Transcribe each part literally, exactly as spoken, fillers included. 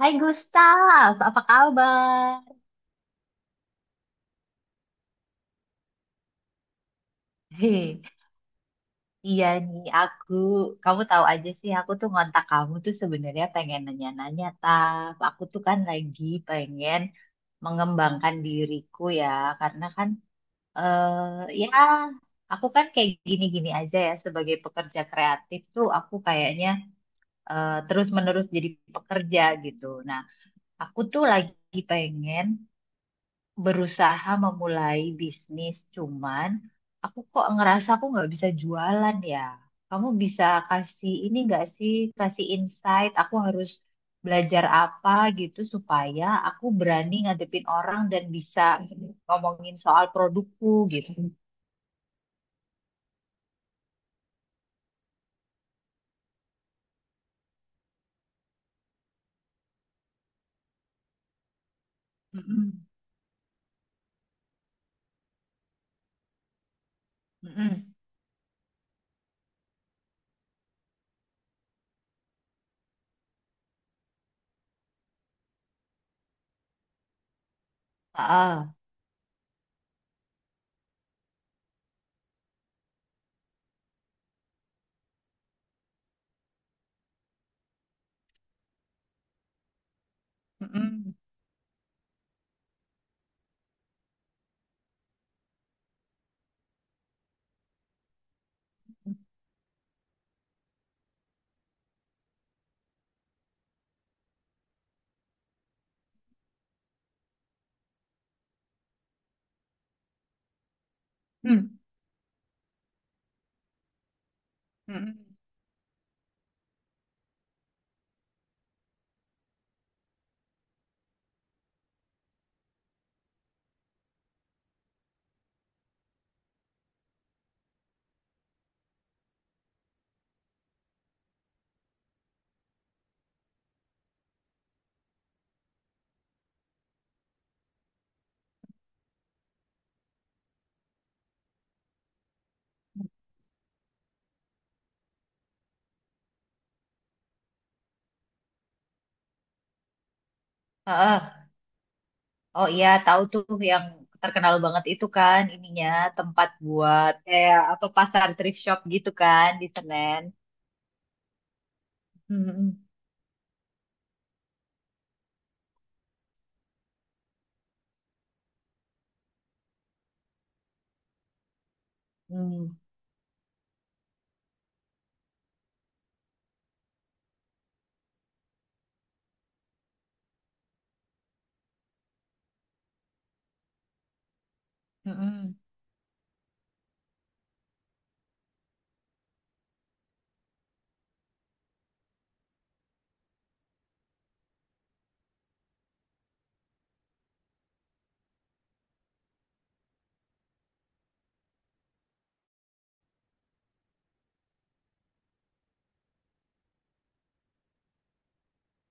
Hai Gustaf, apa kabar? Hei, iya nih aku, kamu tahu aja sih aku tuh ngontak kamu tuh sebenarnya pengen nanya-nanya Taf. Aku tuh kan lagi pengen mengembangkan diriku ya, karena kan eh ya aku kan kayak gini-gini aja ya sebagai pekerja kreatif tuh aku kayaknya eh, terus-menerus jadi pekerja gitu. Nah, aku tuh lagi pengen berusaha memulai bisnis, cuman aku kok ngerasa aku nggak bisa jualan ya. Kamu bisa kasih ini nggak sih, kasih insight, aku harus belajar apa gitu supaya aku berani ngadepin orang dan bisa ngomongin soal produkku gitu. Mm-mm. Mm-mm. Ah, ah. Mm-mm. Mm. Mm-mm. Ah, ah. Oh iya, tahu tuh yang terkenal banget itu kan ininya tempat buat kayak apa pasar thrift shop gitu kan di Senen. Mm-mm. Mm. Mm-mm.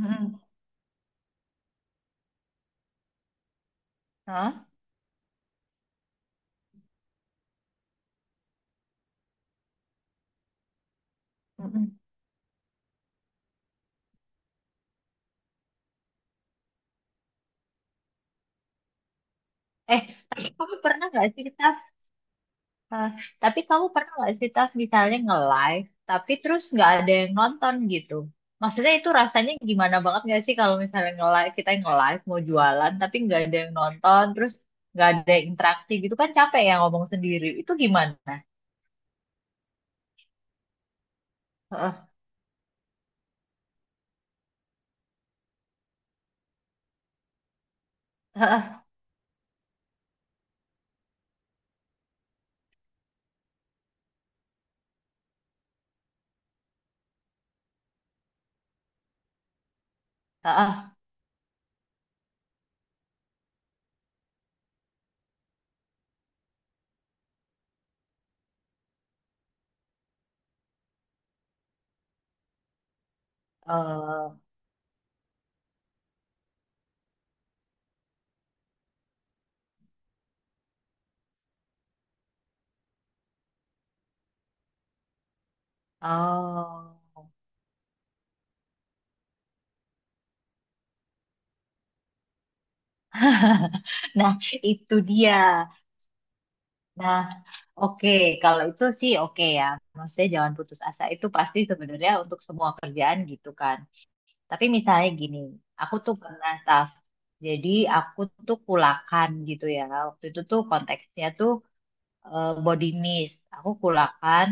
Mm-mm. Hah? Mm-mm. Eh, tapi kamu pernah nggak sih Tas? Eh, tapi kamu pernah nggak sih Tas misalnya nge-live, tapi terus nggak ada yang nonton gitu? Maksudnya itu rasanya gimana banget nggak sih kalau misalnya nge-live, kita yang nge-live mau jualan tapi nggak ada yang nonton, terus nggak ada interaksi gitu kan capek ya ngomong sendiri. Itu gimana? Heeh, heeh, heeh. Eh, oh. Nah, itu dia. Nah, oke, kalau itu sih oke ya. Maksudnya jangan putus asa itu pasti sebenarnya untuk semua kerjaan gitu kan. Tapi misalnya gini, aku tuh pernah staff. Jadi aku tuh kulakan gitu ya. Waktu itu tuh konteksnya tuh eh, body mist. Aku kulakan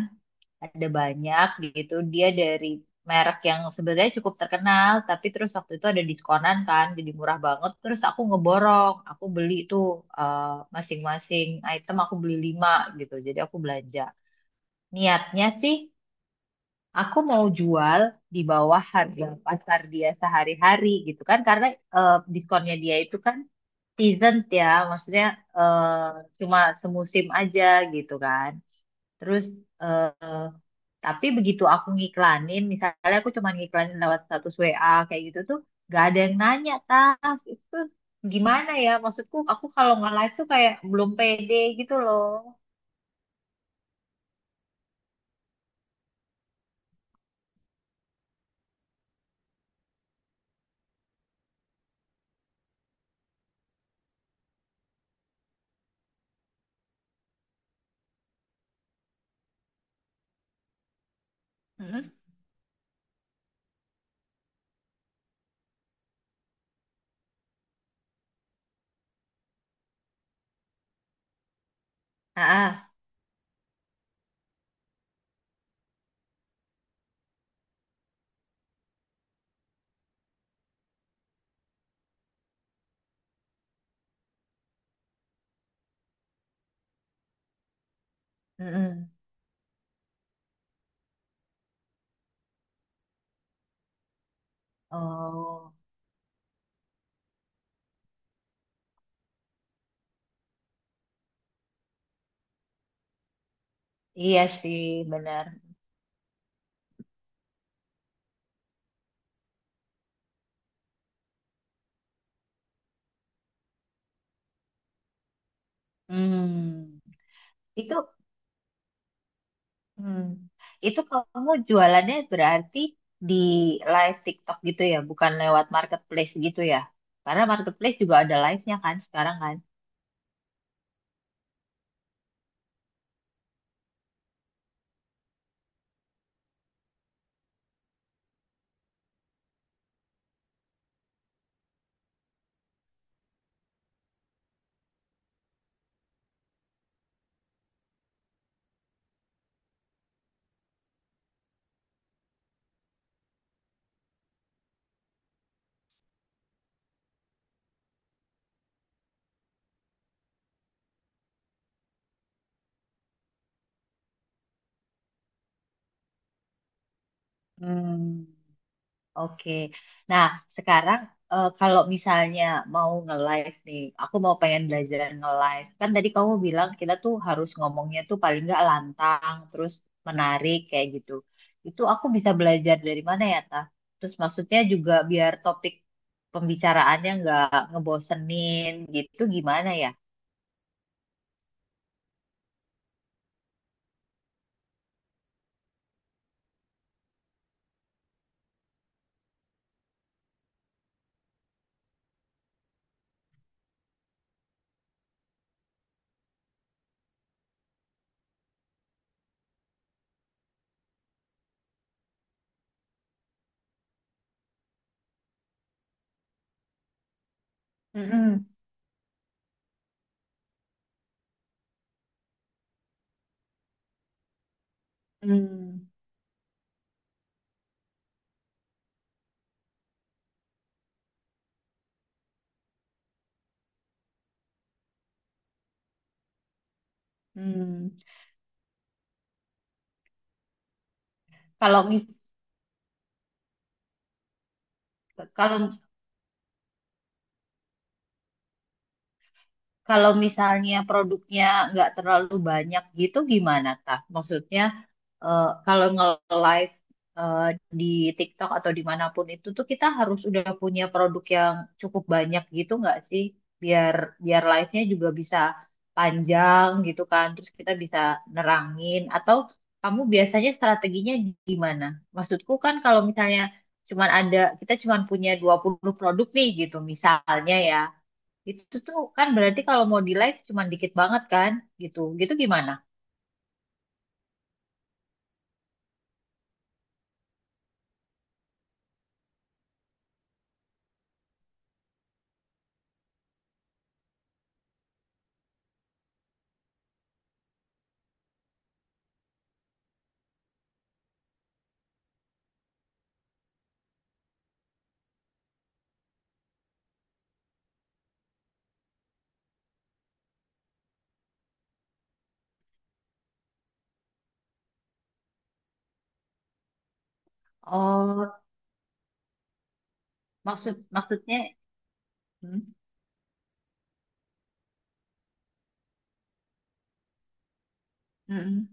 ada banyak gitu. Dia dari merek yang sebenarnya cukup terkenal, tapi terus waktu itu ada diskonan kan, jadi murah banget. Terus aku ngeborong, aku beli tuh eh, masing-masing item aku beli lima gitu. Jadi aku belanja. Niatnya sih aku mau jual di bawah harga pasar dia sehari-hari gitu kan, karena eh, diskonnya dia itu kan season ya, maksudnya eh, cuma semusim aja gitu kan. Terus eh, tapi begitu aku ngiklanin, misalnya aku cuma ngiklanin lewat status W A kayak gitu tuh, gak ada yang nanya, tas itu tuh gimana ya? Maksudku aku kalau nggak live tuh kayak belum pede gitu loh. Mhm. Ah, ah, mm-mm. Oh, iya sih, benar. Hmm, itu, hmm, itu kamu jualannya berarti di live TikTok gitu ya, bukan lewat marketplace gitu ya? Karena marketplace juga ada live-nya kan sekarang kan? Hmm, oke. Nah, sekarang eh, kalau misalnya mau nge-live nih, aku mau pengen belajar nge-live. Kan tadi kamu bilang kita tuh harus ngomongnya tuh paling nggak lantang, terus menarik kayak gitu. Itu aku bisa belajar dari mana ya, Ta? Terus maksudnya juga biar topik pembicaraannya nggak ngebosenin gitu gimana ya? Mm-mm. Hmm. Hmm. Kalau mis kalau Kalau misalnya produknya nggak terlalu banyak gitu gimana tah? Maksudnya eh, kalau nge-live eh, di TikTok atau dimanapun itu tuh kita harus udah punya produk yang cukup banyak gitu nggak sih? Biar biar live-nya juga bisa panjang gitu kan. Terus kita bisa nerangin atau kamu biasanya strateginya gimana? Maksudku kan kalau misalnya cuman ada kita cuman punya dua puluh produk nih gitu misalnya ya. Itu tuh kan berarti kalau mau di live cuman dikit banget kan gitu. Gitu gimana? Oh, Maksud maksudnya hmm? Mm-mm.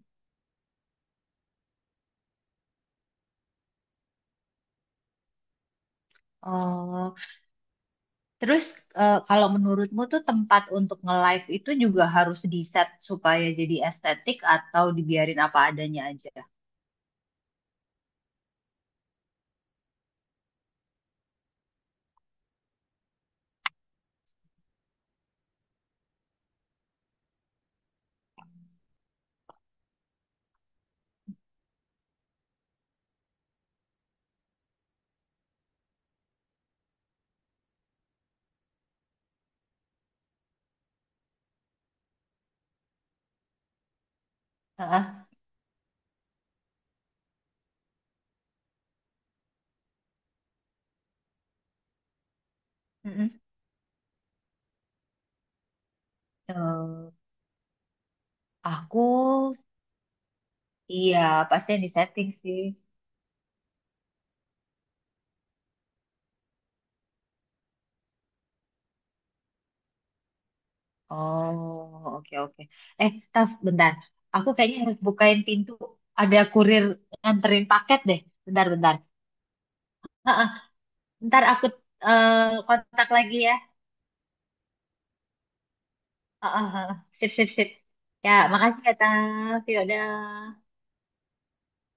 Oh, terus eh, kalau menurutmu tuh tempat untuk nge-live itu juga harus di-set supaya jadi estetik atau dibiarin apa adanya aja? Ah, ah, mm-mm. Eh, aku iya pasti yang di setting sih. Oh, oke oke. Eh, Taf, bentar. Aku kayaknya harus bukain pintu. Ada kurir nganterin paket deh. Bentar, bentar. Heeh, Ntar aku eh, kontak lagi ya. Heeh, heeh. Sip, sip, sip. Ya, makasih ya, Taf. Yaudah.